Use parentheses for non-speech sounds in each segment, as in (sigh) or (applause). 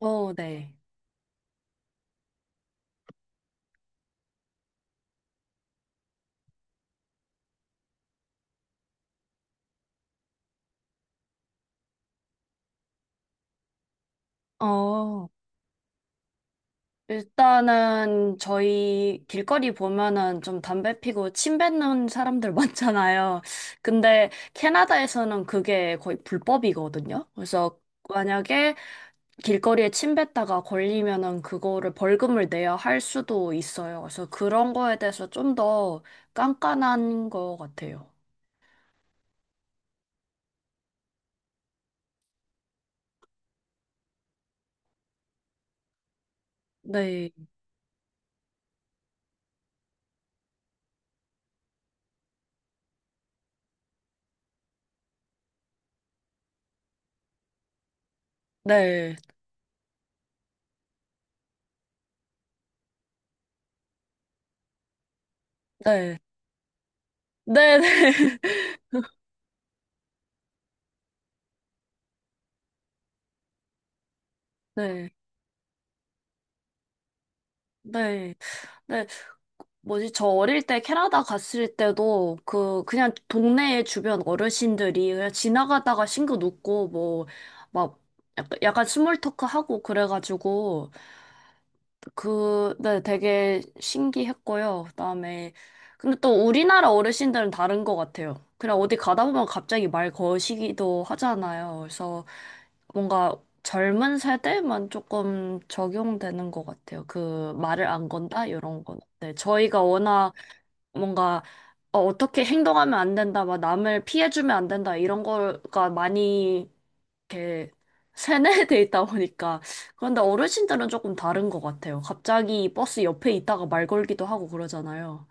어, 네. 어, 일단은 저희 길거리 보면은 좀 담배 피고 침 뱉는 사람들 (laughs) 많잖아요. 근데 캐나다에서는 그게 거의 불법이거든요. 그래서 만약에 길거리에 침 뱉다가 걸리면은 그거를 벌금을 내야 할 수도 있어요. 그래서 그런 거에 대해서 좀 더 깐깐한 것 같아요. 네, 네, 네, 네, 네, (laughs) 네, 네. 네. 저 어릴 때 캐나다 갔을 때도 그냥 동네 주변 어르신들이 그냥 지나가다가 싱긋 웃고 뭐 막 약간 스몰 토크 하고 그래가지고 그, 네, 되게 신기했고요. 그다음에 근데 또 우리나라 어르신들은 다른 것 같아요. 그냥 어디 가다 보면 갑자기 말 거시기도 하잖아요. 그래서 뭔가 젊은 세대만 조금 적용되는 것 같아요. 그 말을 안 건다 이런 건. 네, 저희가 워낙 뭔가 어떻게 행동하면 안 된다, 막 남을 피해주면 안 된다 이런 거가 많이 이렇게 세뇌돼 있다 보니까 그런데 어르신들은 조금 다른 것 같아요. 갑자기 버스 옆에 있다가 말 걸기도 하고 그러잖아요.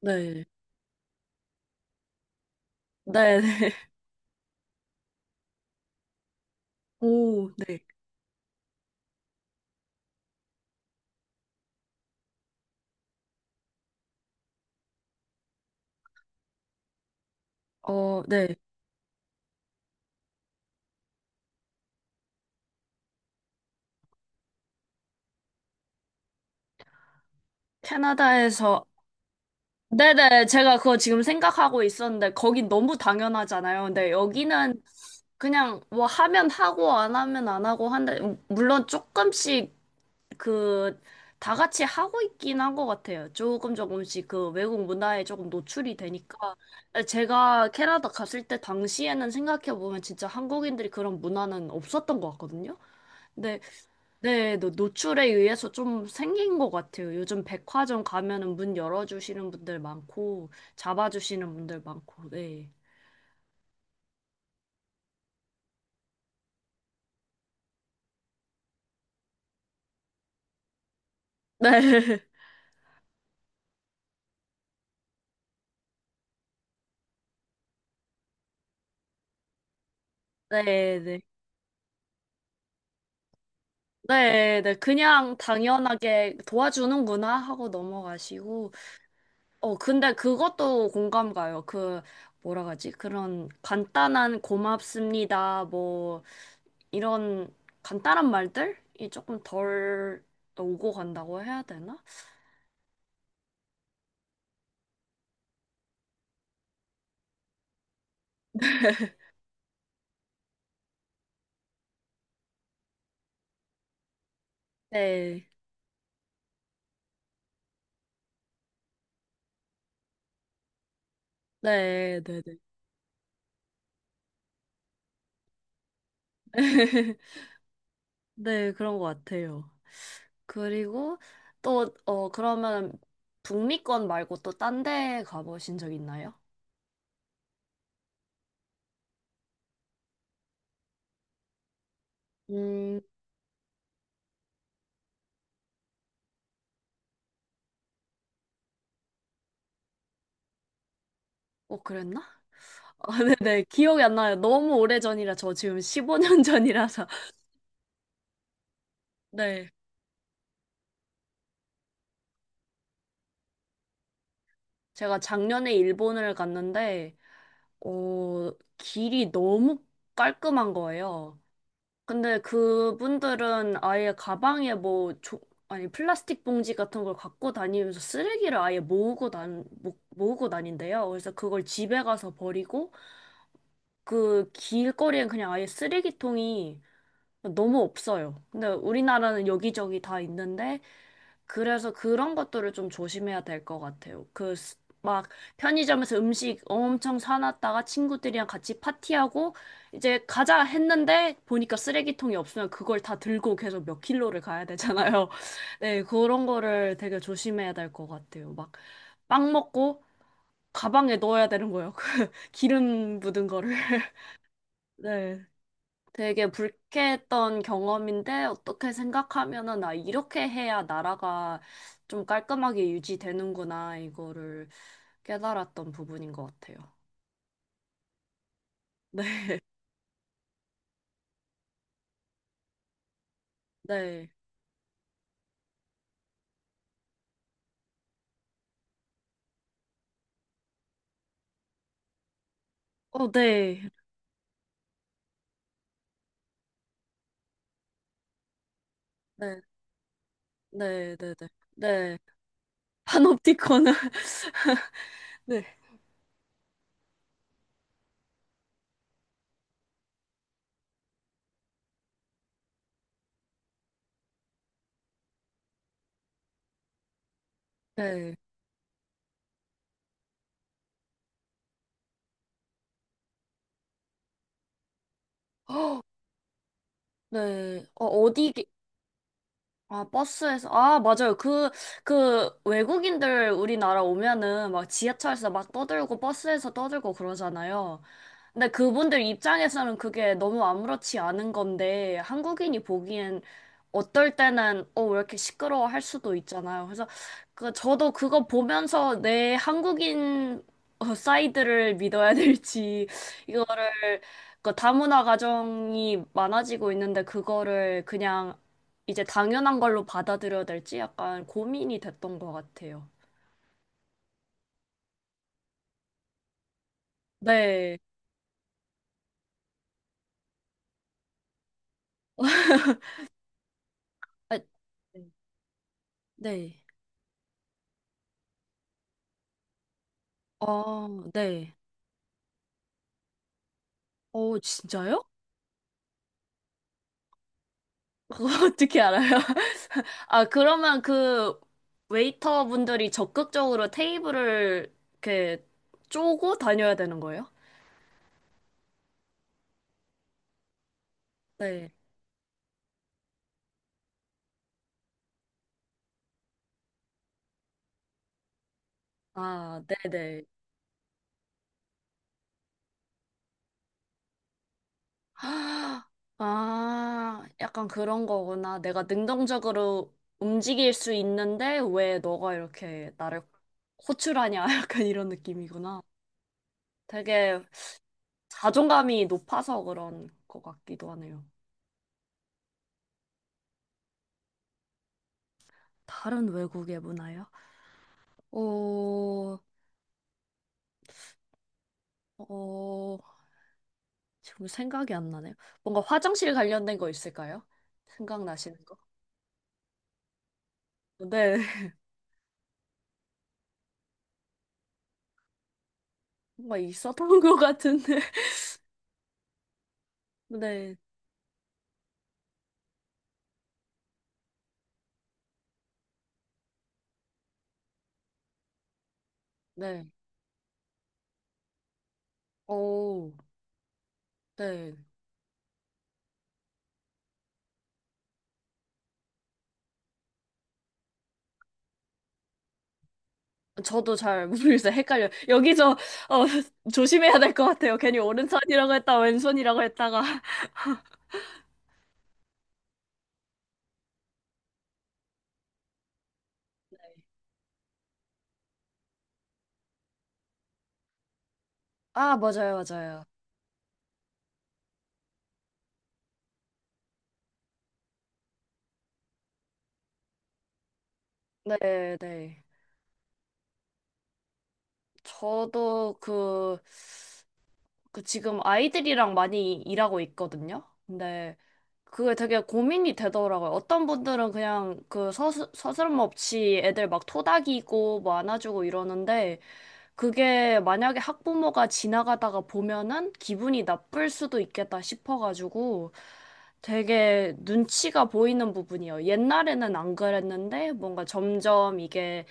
네. 네, 네. (laughs) 오, 네. 어, 네. 캐나다에서 네네 제가 그거 지금 생각하고 있었는데 거긴 너무 당연하잖아요. 근데 여기는 그냥 뭐 하면 하고 안 하면 안 하고 한데 물론 조금씩 그, 다 같이 하고 있긴 한 것 같아요. 조금씩 그 외국 문화에 조금 노출이 되니까. 제가 캐나다 갔을 때 당시에는 생각해보면 진짜 한국인들이 그런 문화는 없었던 것 같거든요. 근데, 네, 노출에 의해서 좀 생긴 것 같아요. 요즘 백화점 가면은 문 열어주시는 분들 많고, 잡아주시는 분들 많고, 네. 네, (laughs) 네, 네. 네, 네. 그냥 당연하게 도와주는구나 하고 넘어가시고, 어, 근데 그것도 공감 가요. 그, 뭐라 하지? 그런 간단한 고맙습니다. 뭐, 이런 간단한 말들이 조금 덜 오고 간다고 해야 되나? 네. 네, 네, 네. (laughs) 네, 그런 것 같아요. 그리고 또, 어, 그러면 북미권 말고 또 딴 데 가보신 적 있나요? 음, 어, 그랬나? (laughs) 네, 기억이 안 나요. 너무 오래전이라 저 지금 15년 전이라서. (laughs) 네. 제가 작년에 일본을 갔는데, 어, 길이 너무 깔끔한 거예요. 근데 그분들은 아예 가방에 뭐, 조, 아니, 플라스틱 봉지 같은 걸 갖고 다니면서 쓰레기를 아예 모으고 다 모으고 다닌대요. 그래서 그걸 집에 가서 버리고, 그 길거리엔 그냥 아예 쓰레기통이 너무 없어요. 근데 우리나라는 여기저기 다 있는데, 그래서 그런 것들을 좀 조심해야 될 것 같아요. 그, 막, 편의점에서 음식 엄청 사놨다가 친구들이랑 같이 파티하고, 이제 가자 했는데, 보니까 쓰레기통이 없으면 그걸 다 들고 계속 몇 킬로를 가야 되잖아요. (laughs) 네, 그런 거를 되게 조심해야 될 것 같아요. 막, 빵 먹고, 가방에 넣어야 되는 거예요. (laughs) 그 기름 묻은 거를. (laughs) 네. 되게 불쾌했던 경험인데 어떻게 생각하면은 나 이렇게 해야 나라가 좀 깔끔하게 유지되는구나 이거를 깨달았던 부분인 것 같아요. 네, 네, 어, 네, 네, 네, 네, 네, 네. 파놉티콘은 (laughs) 네, 네, 어, 네, 어, 어디 아, 버스에서, 아, 맞아요. 그, 외국인들 우리나라 오면은 막 지하철에서 막 떠들고 버스에서 떠들고 그러잖아요. 근데 그분들 입장에서는 그게 너무 아무렇지 않은 건데, 한국인이 보기엔 어떨 때는, 어, 왜 이렇게 시끄러워 할 수도 있잖아요. 그래서, 그, 저도 그거 보면서 내 한국인 (laughs) 어, 사이드를 믿어야 될지, 이거를, 그 다문화 가정이 많아지고 있는데, 그거를 그냥 이제 당연한 걸로 받아들여야 될지 약간 고민이 됐던 것 같아요. 네. 아, 네. 어, 네. 어, 진짜요? (laughs) 그거 어떻게 알아요? (laughs) 아, 그러면 그 웨이터 분들이 적극적으로 테이블을 이렇게 쪼고 다녀야 되는 거예요? 네. 아, 네네. 아, 아, 약간 그런 거구나. 내가 능동적으로 움직일 수 있는데 왜 너가 이렇게 나를 호출하냐? (laughs) 약간 이런 느낌이구나. 되게 자존감이 높아서 그런 것 같기도 하네요. 다른 외국의 문화요? 어, 어, 지금 생각이 안 나네요. 뭔가 화장실 관련된 거 있을까요? 생각나시는 거? 네, (laughs) 뭔가 있었던 것 같은데. (laughs) 네, 네. 오, 네. 저도 잘 모르겠어요. 헷갈려. 요 여기서 어, (laughs) 조심해야 될 것 같아요. 괜히 오른손이라고 했다, 왼손이라고 했다가. 아, 맞아요, 맞아요. 네, 네. 저도 그, 그 지금 아이들이랑 많이 일하고 있거든요. 근데 그게 되게 고민이 되더라고요. 어떤 분들은 그냥 그 서스럼 없이 애들 막 토닥이고 뭐 안아주고 이러는데 그게 만약에 학부모가 지나가다가 보면은 기분이 나쁠 수도 있겠다 싶어가지고 되게 눈치가 보이는 부분이에요. 옛날에는 안 그랬는데 뭔가 점점 이게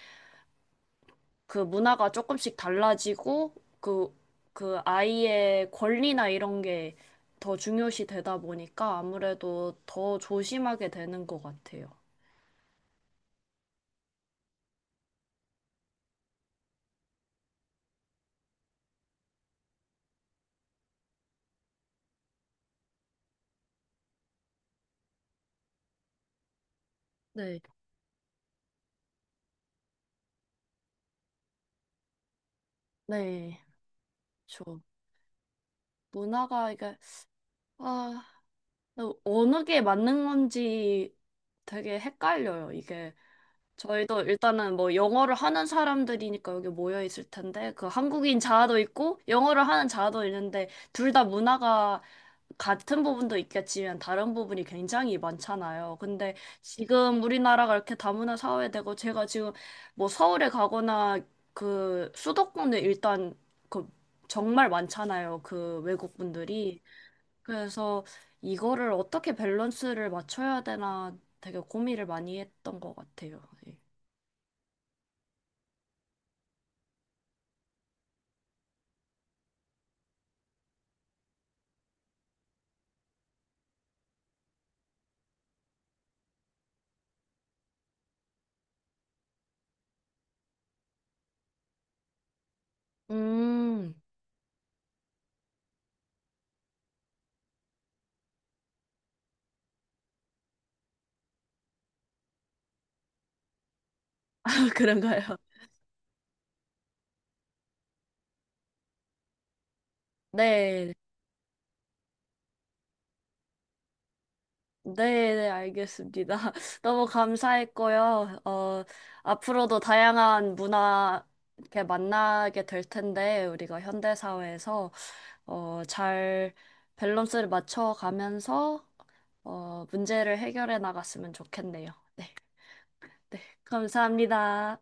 그 문화가 조금씩 달라지고 그, 그 아이의 권리나 이런 게 더 중요시 되다 보니까 아무래도 더 조심하게 되는 것 같아요. 네. 네, 저 문화가 이게 아 근데 어느 게 맞는 건지 되게 헷갈려요, 이게. 저희도 일단은 뭐 영어를 하는 사람들이니까 여기 모여 있을 텐데, 그 한국인 자아도 있고, 영어를 하는 자아도 있는데, 둘 다 문화가 같은 부분도 있겠지만 다른 부분이 굉장히 많잖아요. 근데 지금 우리나라가 이렇게 다문화 사회되고, 제가 지금 뭐 서울에 가거나 그 수도권에 일단 그 정말 많잖아요. 그 외국 분들이. 그래서 이거를 어떻게 밸런스를 맞춰야 되나 되게 고민을 많이 했던 것 같아요. 예. (laughs) 음, 아, 그런가요? 네, 네, 네, 알겠습니다. (laughs) 너무 감사했고요. 어, 앞으로도 다양한 문화 이렇게 만나게 될 텐데, 우리가 현대사회에서 어, 잘 밸런스를 맞춰가면서 어, 문제를 해결해 나갔으면 좋겠네요. 네, 네, 감사합니다.